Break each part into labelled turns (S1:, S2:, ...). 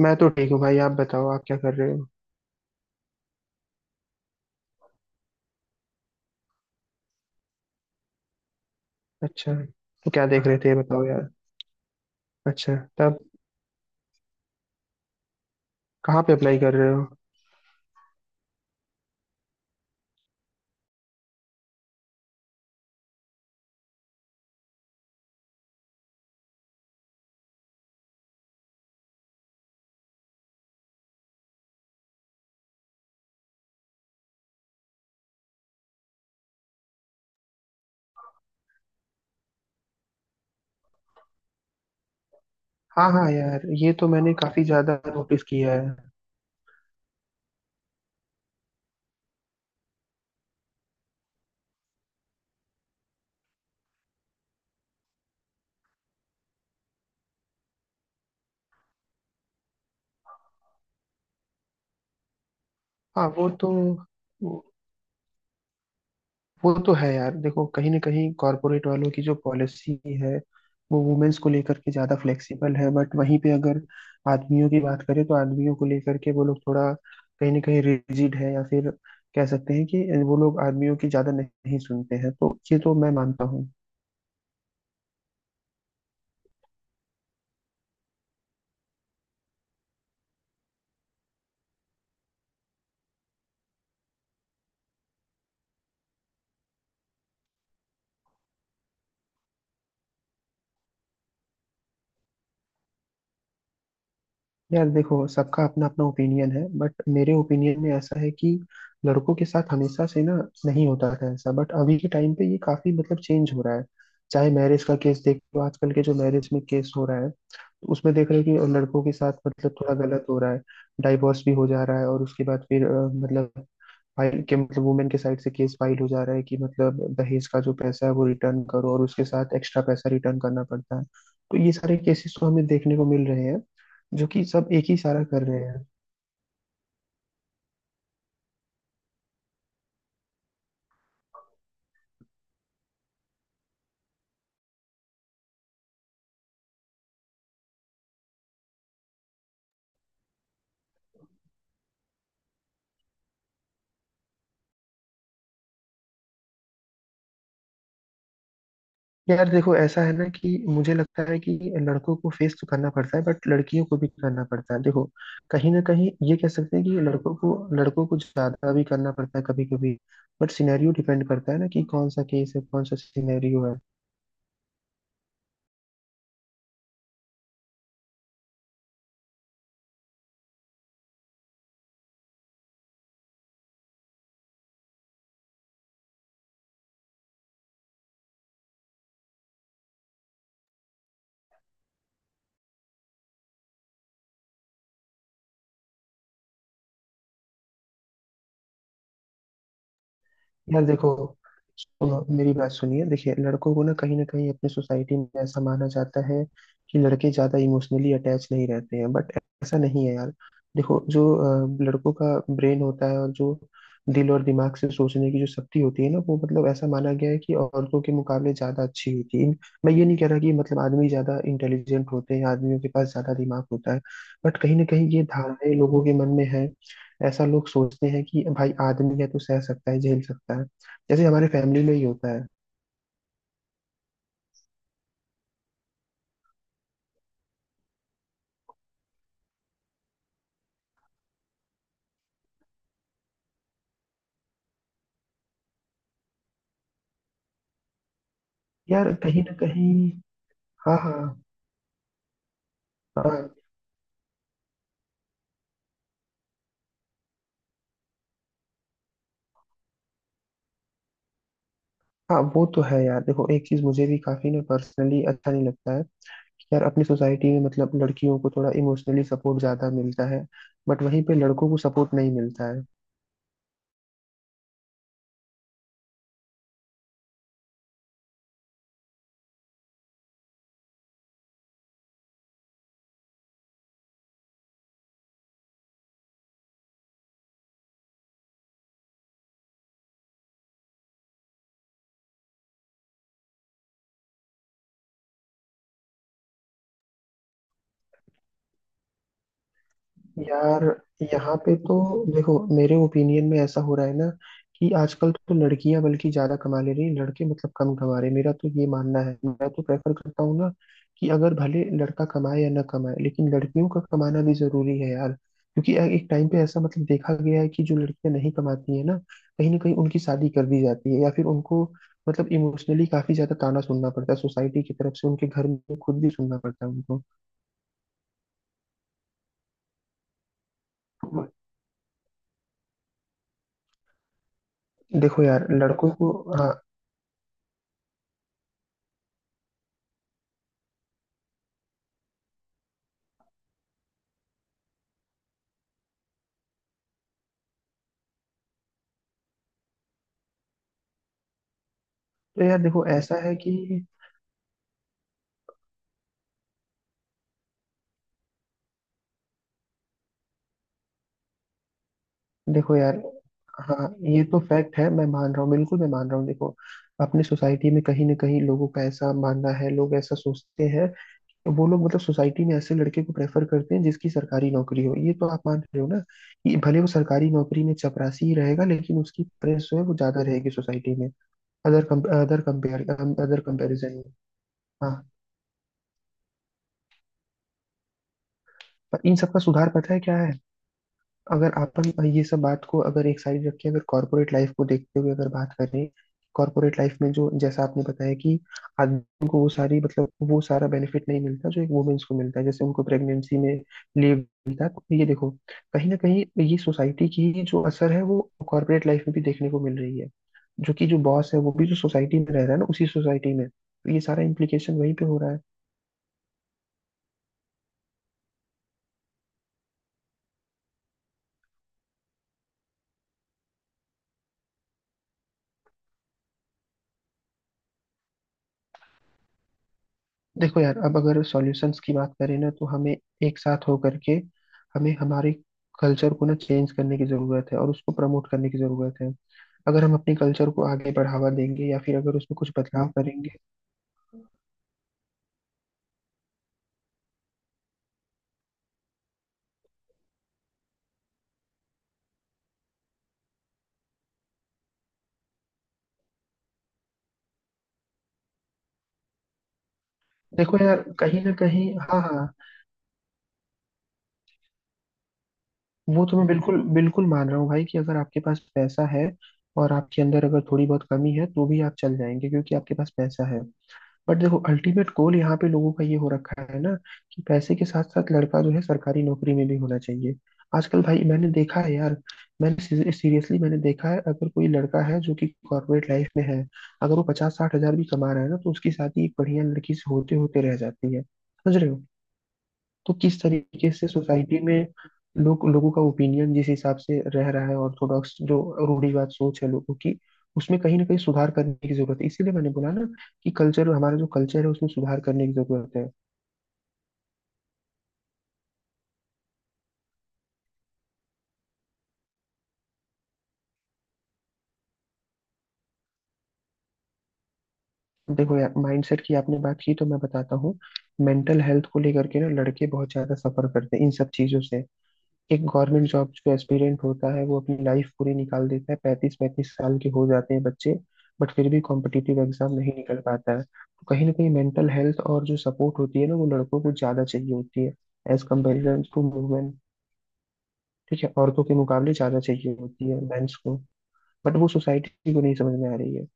S1: मैं तो ठीक हूँ भाई। आप बताओ, आप क्या कर रहे हो? अच्छा, तो क्या देख रहे थे, ये बताओ यार। अच्छा, तब कहाँ पे अप्लाई कर रहे हो? हाँ हाँ यार, ये तो मैंने काफी ज्यादा नोटिस किया है। हाँ, वो तो है यार। देखो, कहीं ना कहीं कॉर्पोरेट वालों की जो पॉलिसी है वो वुमेन्स को लेकर के ज्यादा फ्लेक्सिबल है, बट वहीं पे अगर आदमियों की बात करें तो आदमियों को लेकर के वो लोग थोड़ा कहीं ना कहीं रिजिड है, या फिर कह सकते हैं कि वो लोग आदमियों की ज्यादा नहीं सुनते हैं, तो ये तो मैं मानता हूँ। यार देखो, सबका अपना अपना ओपिनियन है, बट मेरे ओपिनियन में ऐसा है कि लड़कों के साथ हमेशा से ना, नहीं होता था ऐसा, बट अभी के टाइम पे ये काफी मतलब चेंज हो रहा है। चाहे मैरिज का केस देख लो, आजकल के जो मैरिज में केस हो रहा है, तो उसमें देख रहे हो कि लड़कों के साथ मतलब थोड़ा गलत हो रहा है। डाइवोर्स भी हो जा रहा है, और उसके बाद फिर मतलब फाइल के मतलब वुमेन के साइड से केस फाइल हो जा रहा है कि मतलब दहेज का जो पैसा है वो रिटर्न करो, और उसके साथ एक्स्ट्रा पैसा रिटर्न करना पड़ता है। तो ये सारे केसेस तो हमें देखने को मिल रहे हैं, जो कि सब एक ही सारा कर रहे हैं। यार देखो, ऐसा है ना कि मुझे लगता है कि लड़कों को फेस तो करना पड़ता है, बट लड़कियों को भी करना पड़ता है। देखो, कहीं ना कहीं ये कह सकते हैं कि लड़कों को ज्यादा भी करना पड़ता है कभी कभी, बट सिनेरियो डिपेंड करता है ना कि कौन सा केस है, कौन सा सिनेरियो है। यार देखो, सुनो मेरी बात सुनिए, देखिए, लड़कों को ना कहीं अपने सोसाइटी में ऐसा माना जाता है कि लड़के ज्यादा इमोशनली अटैच नहीं रहते हैं, बट ऐसा नहीं है यार। देखो, जो लड़कों का ब्रेन होता है और जो दिल और दिमाग से सोचने की जो शक्ति होती है ना, वो मतलब ऐसा माना गया है कि औरतों के मुकाबले ज्यादा अच्छी होती है। मैं ये नहीं कह रहा कि मतलब आदमी ज्यादा इंटेलिजेंट होते हैं, आदमियों के पास ज्यादा दिमाग होता है, बट कहीं ना कहीं ये धारणाएं लोगों के मन में है। ऐसा लोग सोचते हैं कि भाई आदमी है तो सह सकता है, झेल सकता है, जैसे हमारे फैमिली में ही होता है। यार कहीं ना कहीं, हाँ हाँ। हाँ हाँ, वो तो है यार। देखो, एक चीज मुझे भी काफी ना पर्सनली अच्छा नहीं लगता है कि यार अपनी सोसाइटी में मतलब लड़कियों को थोड़ा इमोशनली सपोर्ट ज्यादा मिलता है, बट वहीं पे लड़कों को सपोर्ट नहीं मिलता है। यार यहाँ पे तो देखो, मेरे ओपिनियन में ऐसा हो रहा है ना कि आजकल तो लड़कियां बल्कि ज्यादा कमा ले रही हैं, लड़के मतलब कम कमा रहे हैं। मेरा तो ये मानना है, मैं तो प्रेफर करता हूँ ना कि अगर भले लड़का कमाए या ना कमाए, लेकिन लड़कियों का कमाना भी जरूरी है यार, क्योंकि एक टाइम पे ऐसा मतलब देखा गया है कि जो लड़कियां नहीं कमाती है ना, कहीं ना कहीं उनकी शादी कर दी जाती है, या फिर उनको मतलब इमोशनली काफी ज्यादा ताना सुनना पड़ता है सोसाइटी की तरफ से, उनके घर में खुद भी सुनना पड़ता है उनको। देखो यार, लड़कों को, हाँ। तो यार देखो ऐसा है कि देखो यार, हाँ, ये तो फैक्ट है, मैं मान रहा हूँ, बिल्कुल मैं मान रहा हूँ। देखो, अपने सोसाइटी में कहीं ना कहीं लोगों का ऐसा मानना है, लोग ऐसा सोचते हैं, तो वो लोग मतलब सोसाइटी में ऐसे लड़के को प्रेफर करते हैं जिसकी सरकारी नौकरी हो। ये तो आप मान रहे हो ना कि भले वो सरकारी नौकरी में चपरासी ही रहेगा, लेकिन उसकी प्रेस जो है वो ज्यादा रहेगी सोसाइटी में। Other other compare other comparison में। हाँ। पर इन सब का सुधार पता है क्या है? अगर अपन ये सब बात को अगर एक साइड रख के अगर कॉर्पोरेट लाइफ को देखते हुए अगर बात करें, कॉर्पोरेट लाइफ में जो जैसा आपने बताया कि आदमी को वो सारी मतलब वो सारा बेनिफिट नहीं मिलता जो एक वुमेन्स को मिलता है, जैसे उनको प्रेगनेंसी में लीव मिलता है। तो ये देखो, कहीं ना कहीं ये सोसाइटी की ही जो असर है वो कॉर्पोरेट लाइफ में भी देखने को मिल रही है, जो कि जो बॉस है वो भी जो सोसाइटी में रह रहा है ना उसी सोसाइटी में, तो ये सारा इम्प्लीकेशन वहीं पे हो रहा है। देखो यार, अब अगर सॉल्यूशंस की बात करें ना, तो हमें एक साथ होकर के हमें हमारे कल्चर को ना चेंज करने की जरूरत है और उसको प्रमोट करने की जरूरत है। अगर हम अपने कल्चर को आगे बढ़ावा देंगे या फिर अगर उसमें कुछ बदलाव करेंगे। देखो यार, कहीं ना कहीं, हाँ हाँ। वो तो मैं बिल्कुल बिल्कुल मान रहा हूँ भाई कि अगर आपके पास पैसा है और आपके अंदर अगर थोड़ी बहुत कमी है तो भी आप चल जाएंगे क्योंकि आपके पास पैसा है। बट देखो, अल्टीमेट गोल यहाँ पे लोगों का ये हो रखा है ना कि पैसे के साथ साथ लड़का जो है सरकारी नौकरी में भी होना चाहिए। आजकल भाई मैंने देखा है यार, मैंने सीरियसली मैंने देखा है, अगर कोई लड़का है जो कि कॉर्पोरेट लाइफ में है, अगर वो 50-60 हजार भी कमा रहा है ना, तो उसकी शादी एक बढ़िया लड़की से होते होते रह जाती है, समझ रहे हो? तो किस तरीके से सोसाइटी में लोग, लोगों का ओपिनियन जिस हिसाब से रह रहा है, ऑर्थोडॉक्स जो रूढ़िवाद सोच है लोगों की, उसमें कहीं ना कहीं सुधार करने की जरूरत है। इसीलिए मैंने बोला ना कि कल्चर, हमारा जो कल्चर है, उसमें सुधार करने की जरूरत है। देखो यार, माइंडसेट की आपने बात की तो मैं बताता हूँ, मेंटल हेल्थ को लेकर के ना लड़के बहुत ज्यादा सफर करते हैं इन सब चीजों से। एक गवर्नमेंट जॉब जो एस्पिरेंट होता है वो अपनी लाइफ पूरी निकाल देता है, 35-35 साल के हो जाते हैं बच्चे, बट फिर भी कॉम्पिटिटिव एग्जाम नहीं निकल पाता है। तो कहीं ना कहीं मेंटल हेल्थ और जो सपोर्ट होती है ना, वो लड़कों को ज्यादा चाहिए होती है एज कम्पेरिजन टू वुमेन। ठीक है, औरतों के मुकाबले ज्यादा चाहिए होती है मेंस को, बट वो सोसाइटी को नहीं समझ में आ रही है।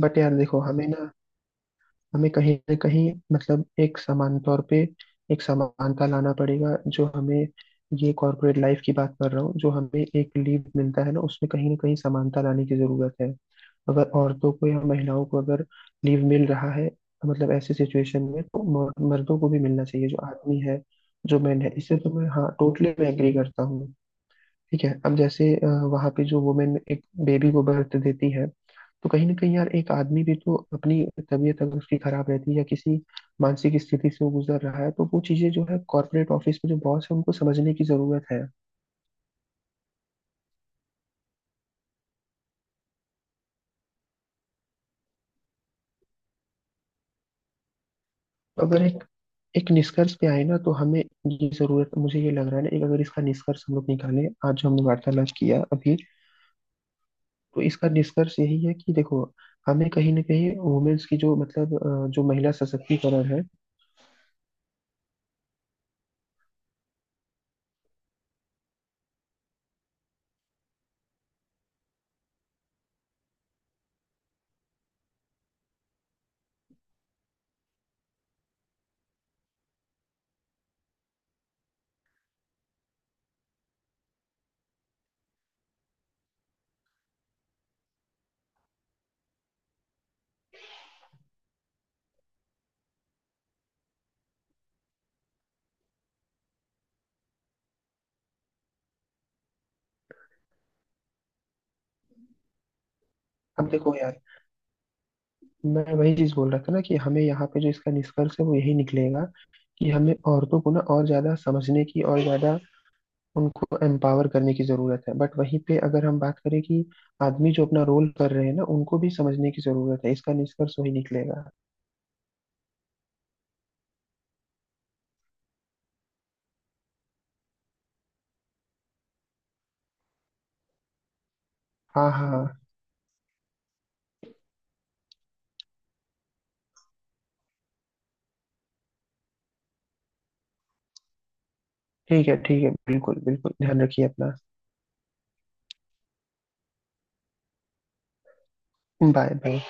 S1: बट यार देखो, हमें कहीं ना कहीं मतलब एक समान तौर पे एक समानता लाना पड़ेगा। जो हमें, ये कॉर्पोरेट लाइफ की बात कर रहा हूँ, जो हमें एक लीव मिलता है ना उसमें कहीं ना कहीं समानता लाने की जरूरत है। अगर औरतों को या महिलाओं को अगर लीव मिल रहा है मतलब ऐसी सिचुएशन में, तो मर्दों को भी मिलना चाहिए, जो आदमी है, जो मैन है। इससे तो मैं हाँ, टोटली मैं एग्री करता हूँ। ठीक है, अब जैसे वहाँ पे जो वुमेन एक बेबी को बर्थ देती है, तो कहीं ना कहीं यार एक आदमी भी तो अपनी तबीयत अगर उसकी खराब रहती है या किसी मानसिक स्थिति से वो गुजर रहा है, तो वो चीजें जो है कॉर्पोरेट ऑफिस में जो बॉस है उनको समझने की जरूरत है। तो अगर एक एक निष्कर्ष पे आए ना, तो हमें ये जरूरत, मुझे ये लग रहा है ना, एक अगर इसका निष्कर्ष हम लोग निकालें आज जो हमने वार्तालाप किया अभी, तो इसका निष्कर्ष यही है कि देखो, हमें कहीं ना कहीं वुमेन्स की जो मतलब जो महिला सशक्तिकरण है। अब देखो यार, मैं वही चीज बोल रहा था ना कि हमें यहाँ पे जो इसका निष्कर्ष है वो यही निकलेगा कि हमें औरतों को ना और ज्यादा समझने की, और ज्यादा उनको एम्पावर करने की जरूरत है, बट वहीं पे अगर हम बात करें कि आदमी जो अपना रोल कर रहे हैं ना, उनको भी समझने की जरूरत है। इसका निष्कर्ष वही निकलेगा। हाँ हाँ हाँ। ठीक है, ठीक है, बिल्कुल बिल्कुल ध्यान रखिए अपना। Bye bye.